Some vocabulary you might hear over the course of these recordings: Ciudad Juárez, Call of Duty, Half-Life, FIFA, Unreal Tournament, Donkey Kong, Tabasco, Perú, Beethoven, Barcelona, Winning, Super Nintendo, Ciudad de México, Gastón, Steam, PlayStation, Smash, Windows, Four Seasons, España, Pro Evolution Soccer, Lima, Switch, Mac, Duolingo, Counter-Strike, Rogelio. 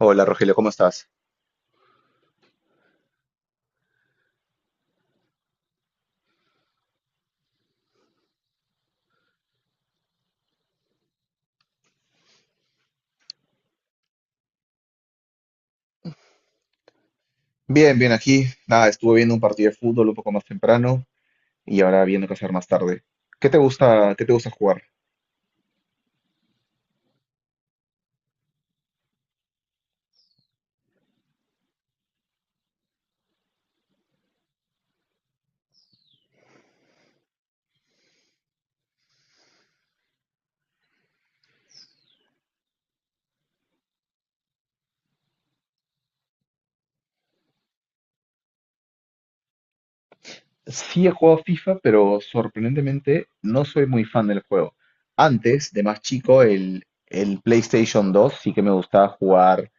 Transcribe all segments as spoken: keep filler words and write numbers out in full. Hola Rogelio, ¿cómo estás? Bien, bien aquí. Nada, estuve viendo un partido de fútbol un poco más temprano y ahora viendo qué hacer más tarde. ¿Qué te gusta, qué te gusta jugar? Sí he jugado FIFA, pero sorprendentemente no soy muy fan del juego. Antes, de más chico, el, el PlayStation dos sí que me gustaba jugar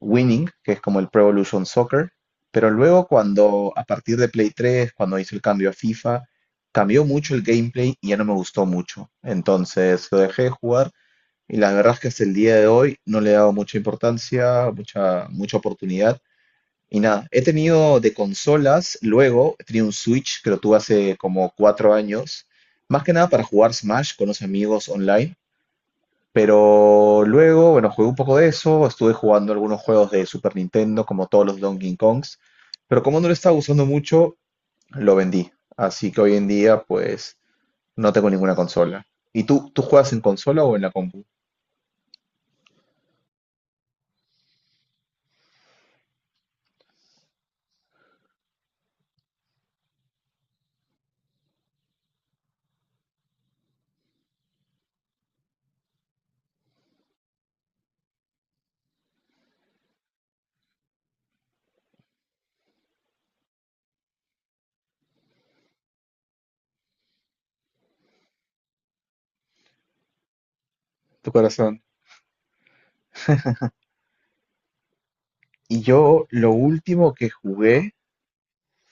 Winning, que es como el Pro Evolution Soccer, pero luego cuando, a partir de Play tres, cuando hizo el cambio a FIFA, cambió mucho el gameplay y ya no me gustó mucho. Entonces lo dejé de jugar. Y la verdad es que hasta el día de hoy no le he dado mucha importancia, mucha, mucha oportunidad. Y nada, he tenido de consolas, luego he tenido un Switch que lo tuve hace como cuatro años, más que nada para jugar Smash con los amigos online. Pero luego, bueno, jugué un poco de eso, estuve jugando algunos juegos de Super Nintendo, como todos los Donkey Kongs, pero como no lo estaba usando mucho, lo vendí. Así que hoy en día, pues, no tengo ninguna consola. ¿Y tú, tú juegas en consola o en la compu? ¿Tu corazón? Y yo lo último que jugué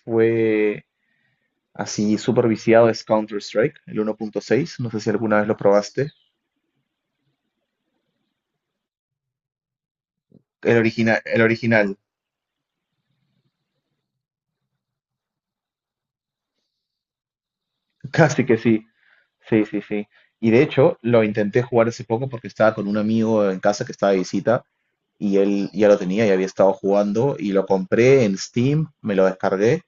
fue así súper viciado es Counter-Strike, el uno punto seis. No sé si alguna vez lo probaste. El original, el original. Casi que sí. Sí, sí, sí. Y de hecho, lo intenté jugar hace poco porque estaba con un amigo en casa que estaba de visita y él ya lo tenía y había estado jugando y lo compré en Steam, me lo descargué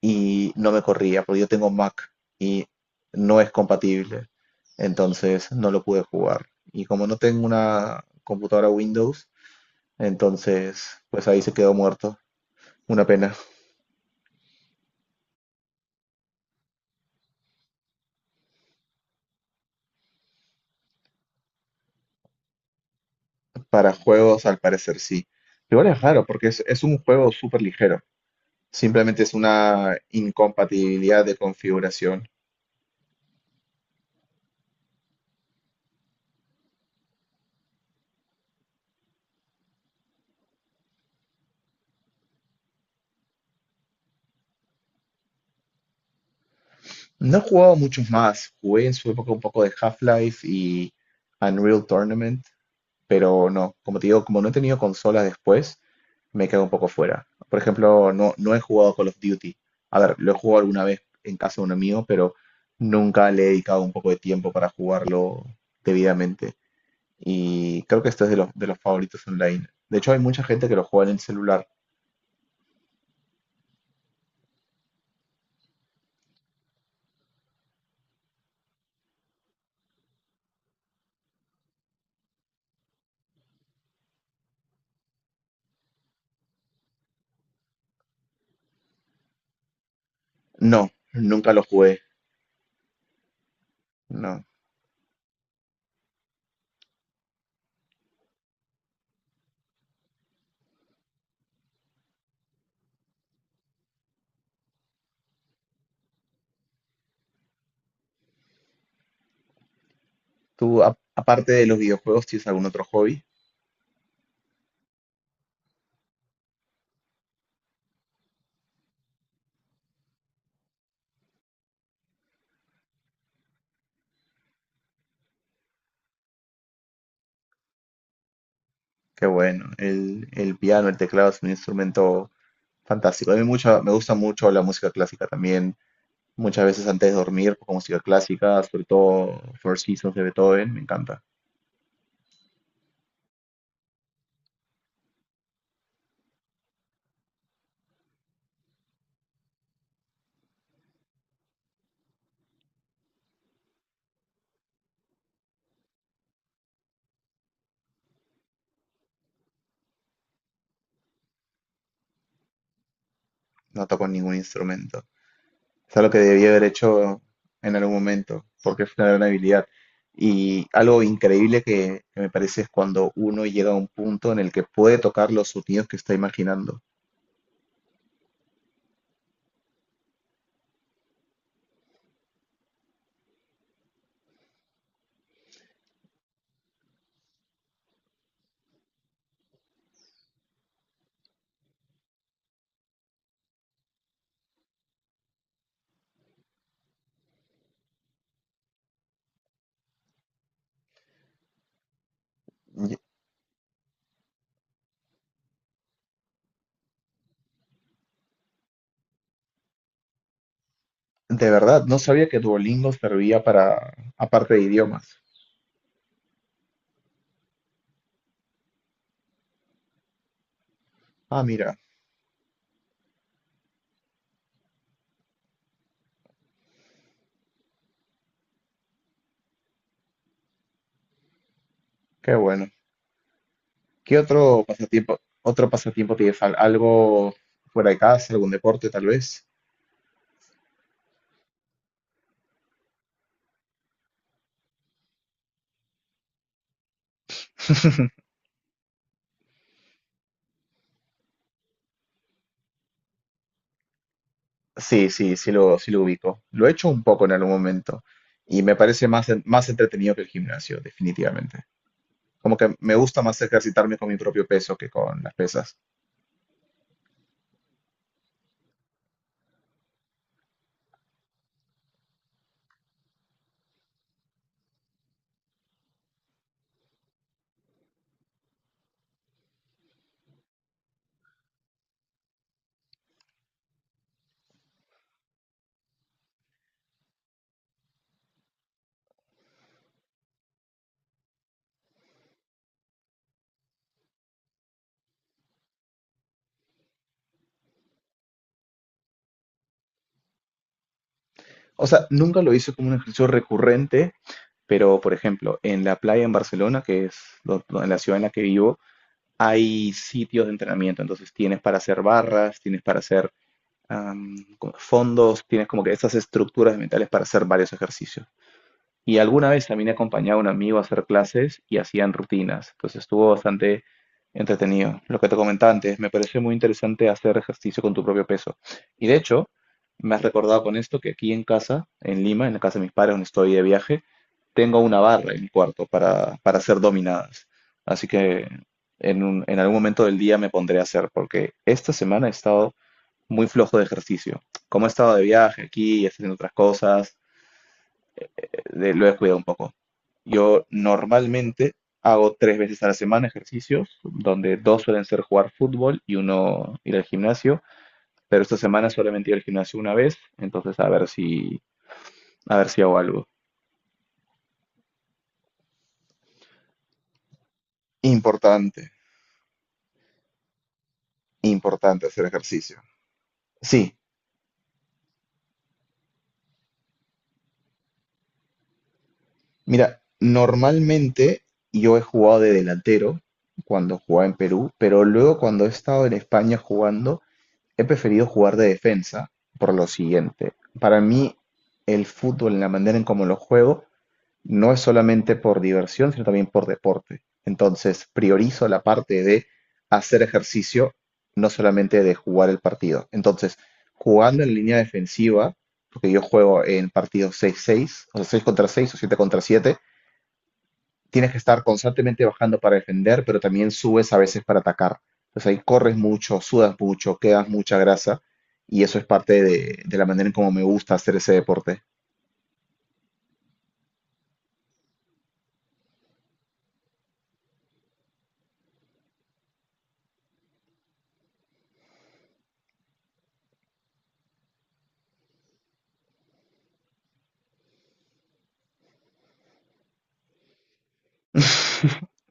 y no me corría, porque yo tengo Mac y no es compatible, entonces no lo pude jugar. Y como no tengo una computadora Windows, entonces pues ahí se quedó muerto. Una pena. Para juegos, al parecer sí. Igual es raro, porque es, es un juego súper ligero. Simplemente es una incompatibilidad de configuración. No he jugado muchos más. Jugué en su época un poco de Half-Life y Unreal Tournament, pero no, como te digo, como no he tenido consolas después, me quedo un poco fuera. Por ejemplo, no, no he jugado Call of Duty. A ver, lo he jugado alguna vez en casa de un amigo, pero nunca le he dedicado un poco de tiempo para jugarlo debidamente. Y creo que este es de los, de los favoritos online. De hecho, hay mucha gente que lo juega en el celular. No, nunca lo jugué. No. Tú, a- aparte de los videojuegos, ¿tienes algún otro hobby? Qué bueno. El, el piano, el teclado es un instrumento fantástico. A mí mucha, me gusta mucho la música clásica también. Muchas veces antes de dormir, pues, con música clásica, sobre todo Four Seasons de Beethoven, me encanta. No toco ningún instrumento. Es algo que debía haber hecho en algún momento, porque es una gran habilidad. Y algo increíble que, que me parece es cuando uno llega a un punto en el que puede tocar los sonidos que está imaginando. Y- De verdad, no sabía que Duolingo servía para, aparte de idiomas. Ah, mira, qué bueno. ¿Qué otro pasatiempo, otro pasatiempo tienes? ¿Al- ¿Algo fuera de casa, algún deporte tal vez? Sí, sí, sí lo, sí lo ubico. Lo he hecho un poco en algún momento y me parece más, en- más entretenido que el gimnasio, definitivamente. Como que me gusta más ejercitarme con mi propio peso que con las pesas. O sea, nunca lo hice como un ejercicio recurrente, pero por ejemplo, en la playa en Barcelona, que es do- do- en la ciudad en la que vivo, hay sitios de entrenamiento. Entonces tienes para hacer barras, tienes para hacer am, co- fondos, tienes como que esas estructuras mentales para hacer varios ejercicios. Y alguna vez también he acompañado a un amigo a hacer clases y hacían rutinas, entonces estuvo bastante entretenido. Lo que te comentaba antes, me parece muy interesante hacer ejercicio con tu propio peso. Y de hecho, me has recordado con esto que aquí en casa, en Lima, en la casa de mis padres donde estoy de viaje, tengo una barra en mi cuarto para, para hacer dominadas. Así que en, un- en algún momento del día me pondré a hacer, porque esta semana he estado muy flojo de ejercicio. Como he estado de viaje aquí y haciendo otras cosas, eh, de- lo he cuidado un poco. Yo normalmente hago tres veces a la semana ejercicios, donde dos suelen ser jugar fútbol y uno ir al gimnasio, pero esta semana solamente he ido al gimnasio una vez, entonces a ver si, a ver si hago algo. Importante, importante hacer ejercicio. Sí, mira, normalmente yo he jugado de delantero cuando jugaba en Perú, pero luego cuando he estado en España jugando, he preferido jugar de defensa por lo siguiente. Para mí, el fútbol, la manera en cómo lo juego, no es solamente por diversión, sino también por deporte. Entonces, priorizo la parte de hacer ejercicio, no solamente de jugar el partido. Entonces, jugando en línea defensiva, porque yo juego en partidos seis seis, o sea, seis contra seis o siete contra siete, tienes que estar constantemente bajando para defender, pero también subes a veces para atacar. Entonces ahí corres mucho, sudas mucho, quedas mucha grasa y eso es parte de, de la manera en cómo me gusta hacer ese deporte.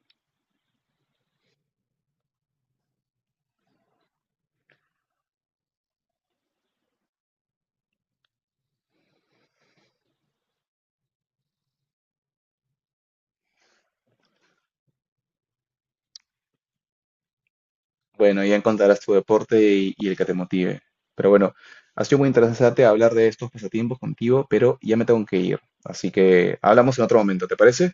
Bueno, ya encontrarás tu deporte y, y el que te motive. Pero bueno, ha sido muy interesante hablar de estos pasatiempos contigo, pero ya me tengo que ir. Así que hablamos en otro momento, ¿te parece?